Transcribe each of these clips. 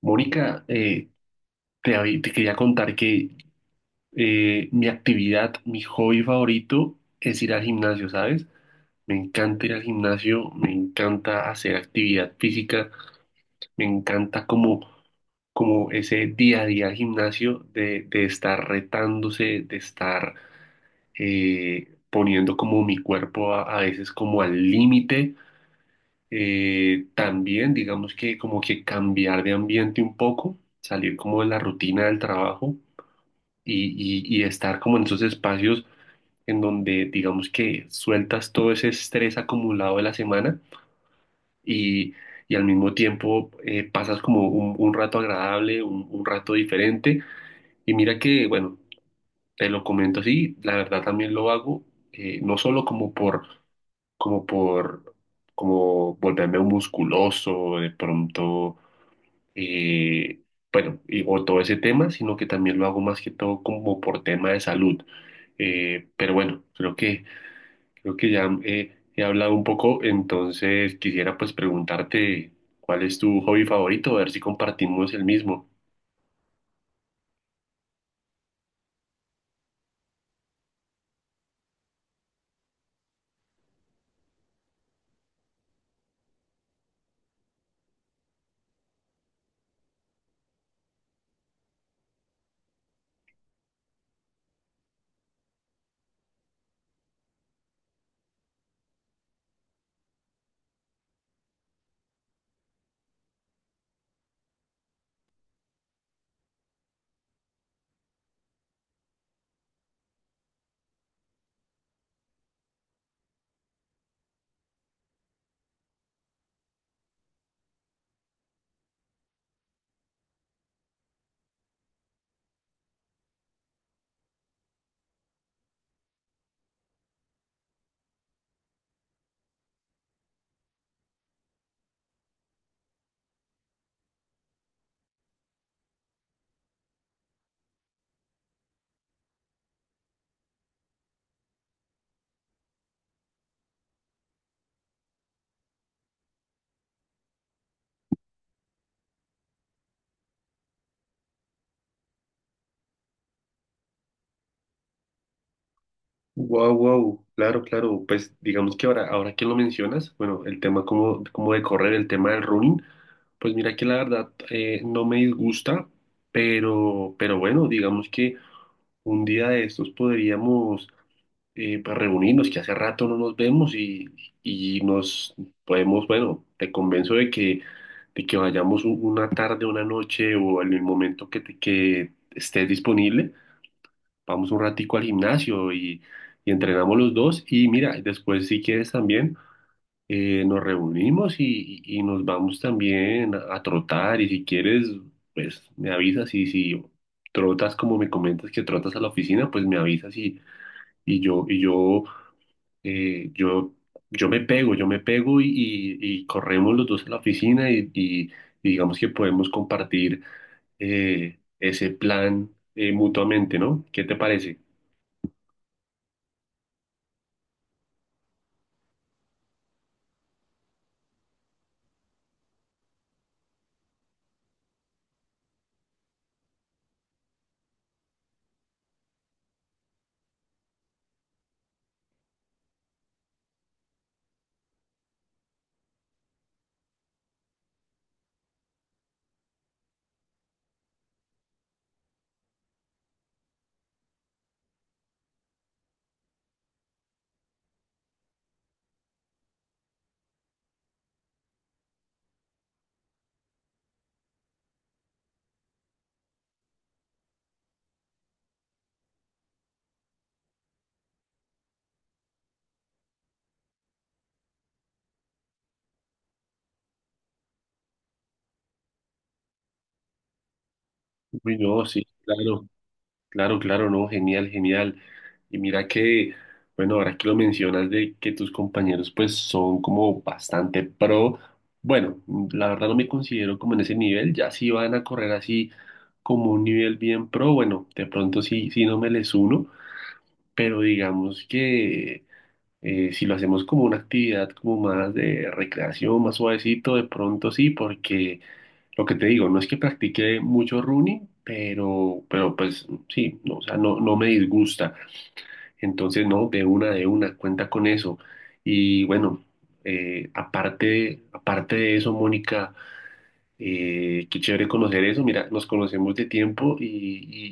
Mónica, te quería contar que mi actividad, mi hobby favorito es ir al gimnasio, ¿sabes? Me encanta ir al gimnasio, me encanta hacer actividad física, me encanta como, como ese día a día al gimnasio de estar retándose, de estar poniendo como mi cuerpo a veces como al límite. También digamos que como que cambiar de ambiente un poco, salir como de la rutina del trabajo y estar como en esos espacios en donde digamos que sueltas todo ese estrés acumulado de la semana y, y al mismo tiempo pasas como un rato agradable, un rato diferente. Y mira que, bueno, te lo comento así, la verdad también lo hago, no solo como por, como volverme un musculoso, de pronto eh, bueno, o todo ese tema, sino que también lo hago más que todo como por tema de salud. Pero bueno, creo que ya he hablado un poco, entonces quisiera pues preguntarte cuál es tu hobby favorito, a ver si compartimos el mismo. Wow, wow, claro, claro, pues digamos que ahora que lo mencionas, bueno, el tema como de correr, el tema del running, pues mira que la verdad no me disgusta, pero bueno, digamos que un día de estos podríamos pues, reunirnos, que hace rato no nos vemos y nos podemos, bueno, te convenzo de que vayamos una tarde, una noche o en el momento que, que estés disponible, vamos un ratico al gimnasio y entrenamos los dos y mira, después si quieres también nos reunimos y nos vamos también a trotar y si quieres, pues me avisas y si trotas como me comentas que trotas a la oficina, pues me avisas y yo, eh, yo, yo me pego, y corremos los dos a la oficina y digamos que podemos compartir ese plan mutuamente, ¿no? ¿Qué te parece? Uy, no, sí, claro. Claro, claro, no, genial, genial. Y mira que, bueno, ahora que lo mencionas de que tus compañeros pues son como bastante pro, bueno, la verdad no me considero como en ese nivel, ya si van a correr así como un nivel bien pro, bueno, de pronto sí, sí no me les uno, pero digamos que si lo hacemos como una actividad como más de recreación, más suavecito, de pronto sí, porque lo que te digo, no es que practique mucho running, pero pues sí, no, o sea, no, no me disgusta. Entonces, no, de una, cuenta con eso. Y bueno, aparte de eso, Mónica. Qué chévere conocer eso. Mira, nos conocemos de tiempo y,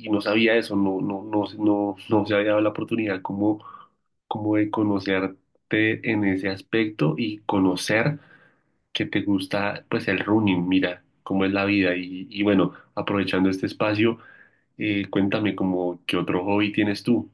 y- y no sabía eso, no, no, no, no, no se había dado la oportunidad como, como de conocerte en ese aspecto y conocer que te gusta pues el running, mira, cómo es la vida. Y bueno, aprovechando este espacio, cuéntame como qué otro hobby tienes tú.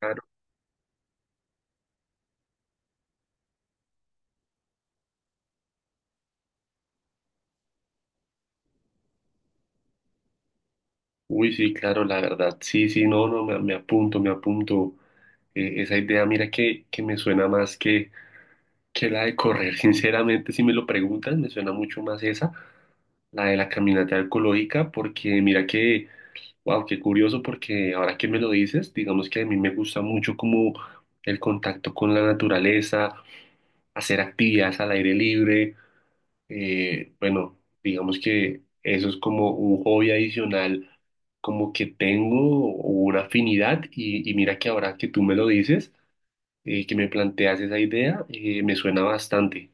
Claro. Uy, sí, claro, la verdad, sí, sí, no, no, me apunto, me apunto. Esa idea, mira que me suena más que la de correr. Sinceramente, si me lo preguntas me suena mucho más esa, la de la caminata ecológica, porque mira que, wow, qué curioso, porque ahora que me lo dices, digamos que a mí me gusta mucho como el contacto con la naturaleza, hacer actividades al aire libre, bueno, digamos que eso es como un hobby adicional, como que tengo una afinidad y mira que ahora que tú me lo dices, que me planteas esa idea, me suena bastante.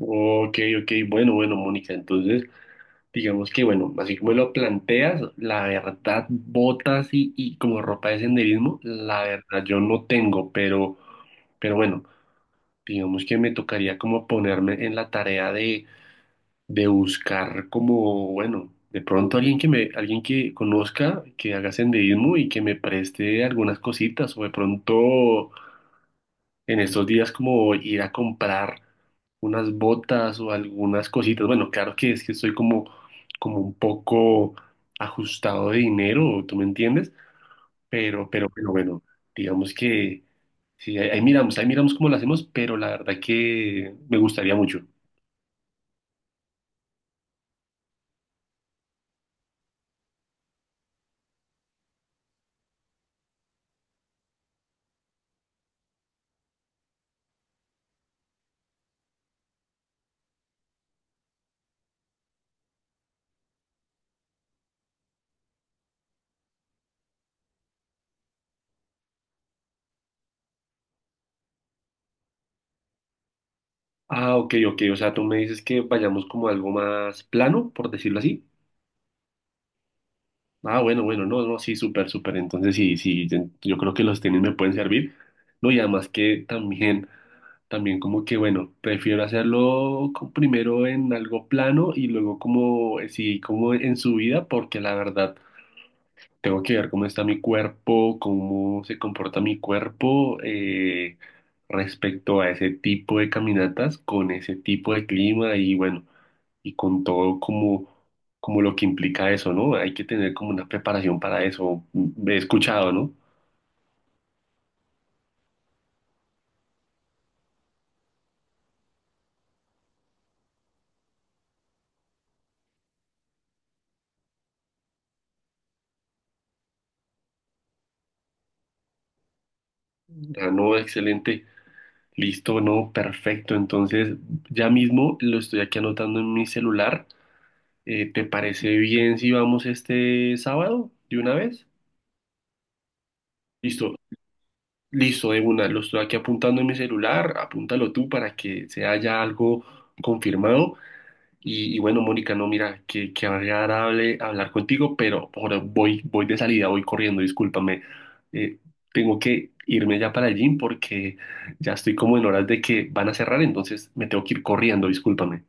Ok, ok, bueno, bueno, Mónica, entonces digamos que, bueno, así como lo planteas, la verdad, botas y como ropa de senderismo, la verdad yo no tengo, pero bueno, digamos que me tocaría como ponerme en la tarea de buscar como, bueno, de pronto alguien que me, alguien que conozca, que haga senderismo y que me preste algunas cositas o de pronto en estos días como ir a comprar unas botas o algunas cositas. Bueno, claro que es que estoy como, como un poco ajustado de dinero, ¿tú me entiendes? Pero bueno, digamos que sí, ahí miramos cómo lo hacemos, pero la verdad que me gustaría mucho. Ah, ok, ok, o sea, tú me dices que vayamos como a algo más plano, por decirlo así. Ah, bueno, bueno, no, no, sí, súper, súper. Entonces, sí, sí, yo creo que los tenis me pueden servir. No, y además que también, también como que, bueno, prefiero hacerlo primero en algo plano y luego como, sí, como en subida, porque la verdad. Tengo que ver cómo está mi cuerpo, cómo se comporta mi cuerpo respecto a ese tipo de caminatas, con ese tipo de clima y bueno, y con todo como, como lo que implica eso, ¿no? Hay que tener como una preparación para eso. He escuchado, ¿no? Ah, no, excelente, listo, no, perfecto. Entonces, ya mismo lo estoy aquí anotando en mi celular. ¿Te parece bien si vamos este sábado de una vez? Listo. Listo, de una, lo estoy aquí apuntando en mi celular, apúntalo tú para que se haya algo confirmado. Y bueno, Mónica, no, mira, que, qué agradable hablar contigo, pero ahora voy, voy de salida, voy corriendo, discúlpame. Eh, tengo que irme ya para el gym porque ya estoy como en horas de que van a cerrar, entonces me tengo que ir corriendo, discúlpame.